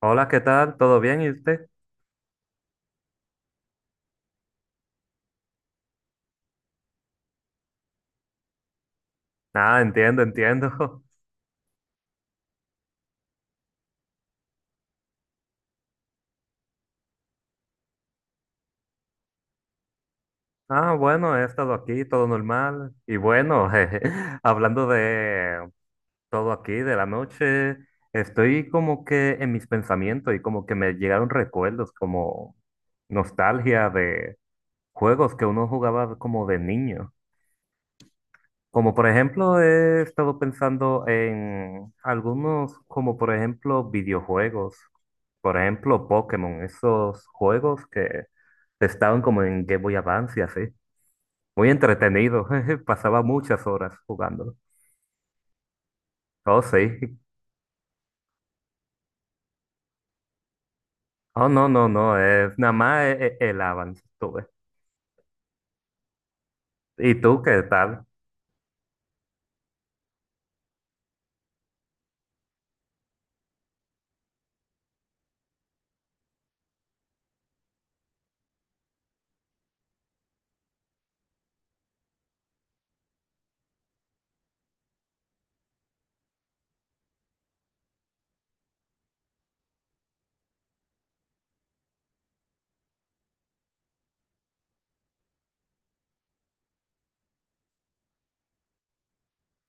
Hola, ¿qué tal? ¿Todo bien? ¿Y usted? Ah, entiendo, entiendo. Ah, bueno, he estado aquí, todo normal. Y bueno, jeje, hablando de todo aquí, de la noche, estoy como que en mis pensamientos y como que me llegaron recuerdos, como nostalgia de juegos que uno jugaba como de niño. Como por ejemplo, he estado pensando en algunos, como por ejemplo, videojuegos. Por ejemplo, Pokémon, esos juegos que estaban como en Game Boy Advance y así. Muy entretenido, jeje, pasaba muchas horas jugándolo. Oh, sí. Oh, no, no, no, es nada más el avance tuve. ¿Y tú qué tal?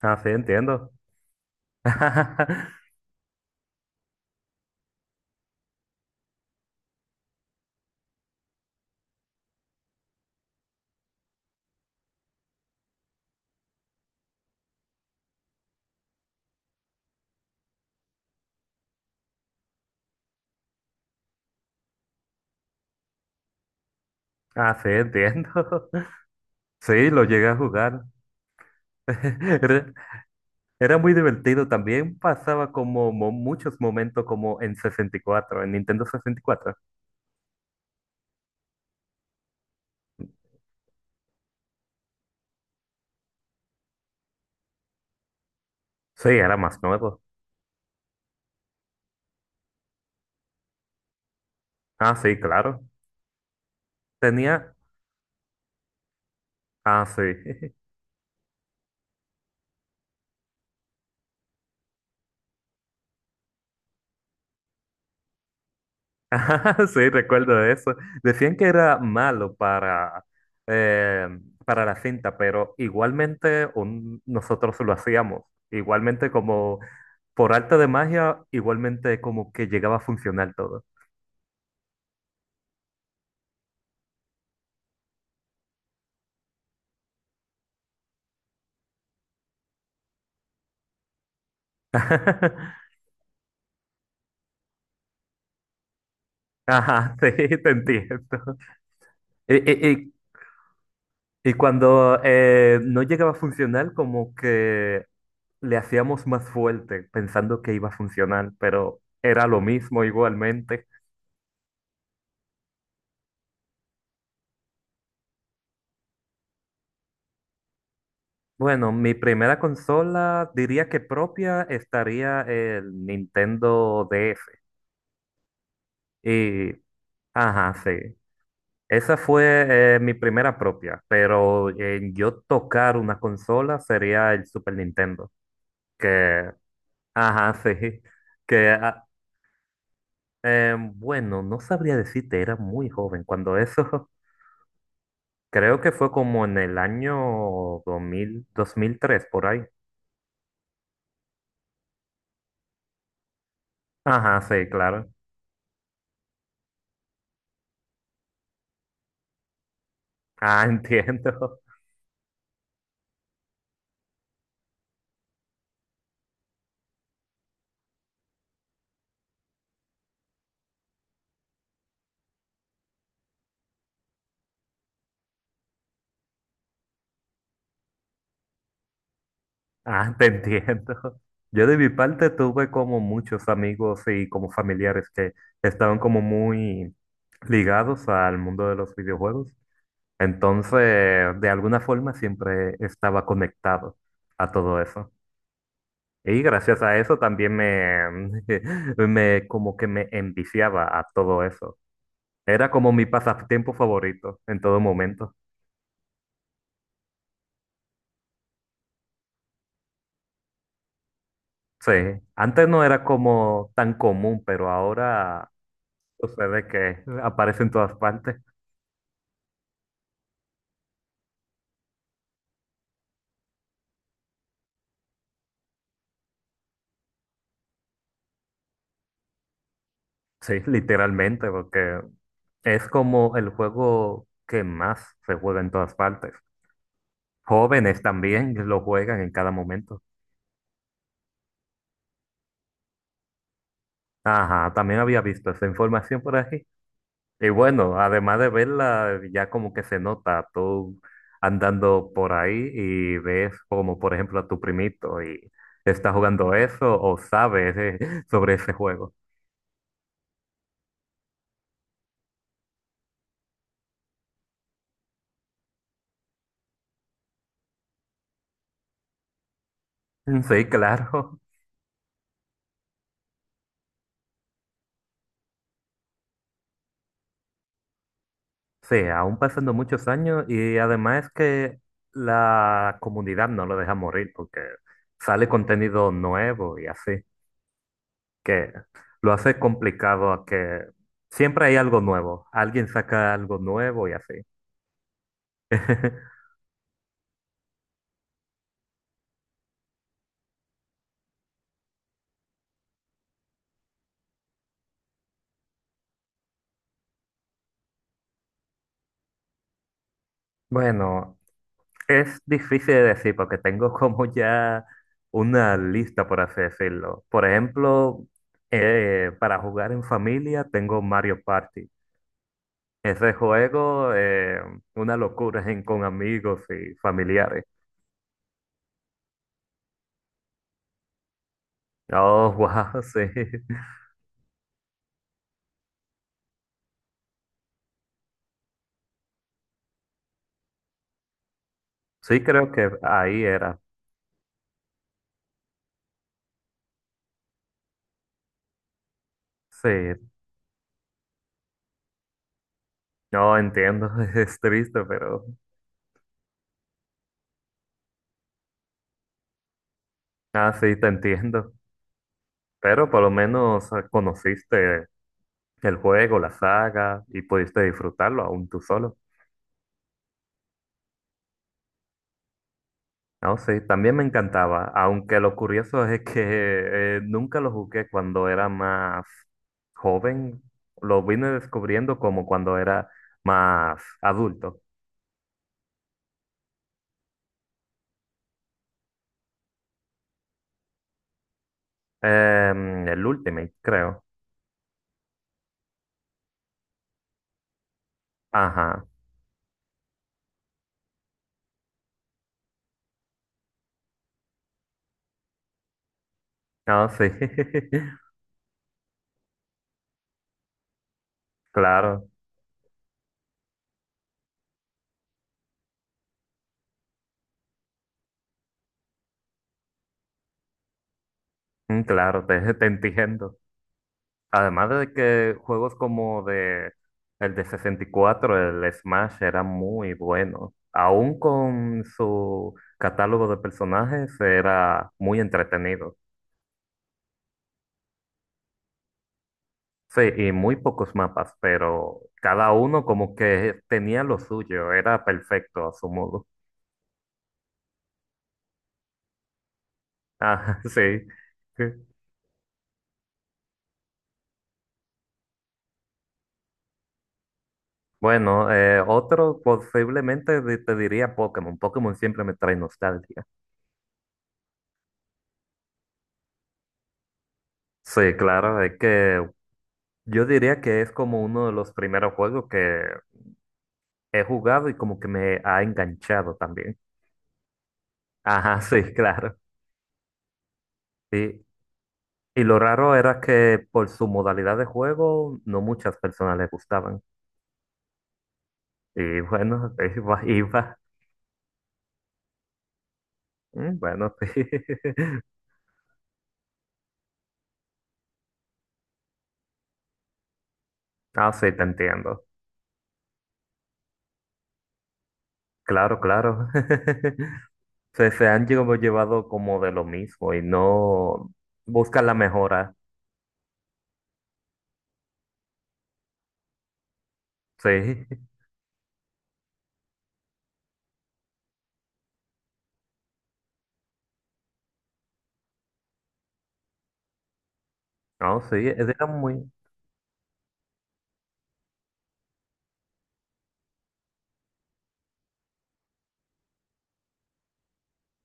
Ah, sí, entiendo. Ah, sí, entiendo. Sí, lo llegué a jugar. Re- Era muy divertido también, pasaba como muchos momentos como en 64, en Nintendo 64. Sí, era más nuevo. Ah, sí, claro. Tenía... Ah, sí. Ah, sí, recuerdo de eso. Decían que era malo eh, para la cinta, pero igualmente nosotros lo hacíamos. Igualmente como por arte de magia, igualmente como que llegaba a funcionar todo. Ajá, sí, te entiendo. ¿Y, Y cuando no llegaba a funcionar, como que le hacíamos más fuerte, pensando que iba a funcionar, pero era lo mismo igualmente. Bueno, mi primera consola, diría que propia, estaría el Nintendo DS. Y, ajá, sí. Esa fue mi primera propia, pero en yo tocar una consola sería el Super Nintendo, que, ajá, sí, que a- bueno, no sabría decirte, era muy joven cuando eso, creo que fue como en el año 2003 por ahí. Ajá, sí, claro. Ah, entiendo. Ah, te entiendo. Yo de mi parte tuve como muchos amigos y como familiares que estaban como muy ligados al mundo de los videojuegos. Entonces, de alguna forma siempre estaba conectado a todo eso. Y gracias a eso también me como que me enviciaba a todo eso. Era como mi pasatiempo favorito en todo momento. Sí, antes no era como tan común, pero ahora sucede que aparece en todas partes. Sí, literalmente, porque es como el juego que más se juega en todas partes. Jóvenes también lo juegan en cada momento. Ajá, también había visto esa información por aquí. Y bueno, además de verla, ya como que se nota tú andando por ahí y ves como por ejemplo a tu primito y está jugando eso o sabes sobre ese juego. Sí, claro. Sí, aún pasando muchos años y además que la comunidad no lo deja morir porque sale contenido nuevo y así, que lo hace complicado a que siempre hay algo nuevo, alguien saca algo nuevo y así. Bueno, es difícil de decir porque tengo como ya una lista, por así decirlo. Por ejemplo, para jugar en familia tengo Mario Party. Ese juego, una locura con amigos y familiares. Oh, wow, sí. Sí, creo que ahí era. Sí, no entiendo, es triste, pero... Ah, sí, te entiendo. Pero por lo menos conociste el juego, la saga y pudiste disfrutarlo aún tú solo. No, sí, también me encantaba, aunque lo curioso es que nunca lo jugué cuando era más joven, lo vine descubriendo como cuando era más adulto. El Ultimate, creo. Ajá, no, sí, claro, claro, te entiendo. Además de que juegos como de el de 64, el Smash era muy bueno. Aún con su catálogo de personajes era muy entretenido. Sí, y muy pocos mapas, pero cada uno como que tenía lo suyo, era perfecto a su modo. Ah, sí. Sí. Bueno, otro posiblemente te diría Pokémon. Pokémon siempre me trae nostalgia. Sí, claro, es que yo diría que es como uno de los primeros juegos que he jugado y como que me ha enganchado también. Ajá, sí, claro. Sí, y lo raro era que por su modalidad de juego no muchas personas les gustaban. Y bueno, iba, iba. Mm, bueno, sí. Ah, sí, te entiendo. Claro, claro. Se han llevado como de lo mismo y no buscan la mejora. Sí, no, sí, era muy...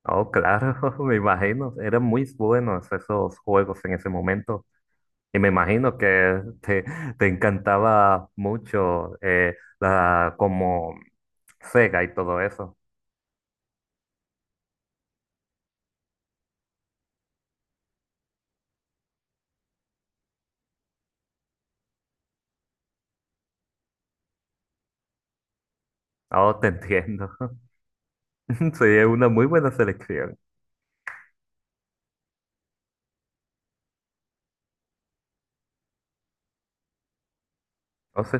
Oh, claro, me imagino, eran muy buenos esos juegos en ese momento. Y me imagino que te encantaba mucho como Sega y todo eso. Oh, te entiendo. Sí, es una muy buena selección. Oh, sí,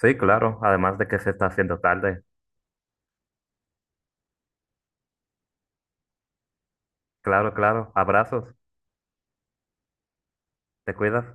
sí, claro, además de que se está haciendo tarde. Claro, claro. Abrazos, te cuidas.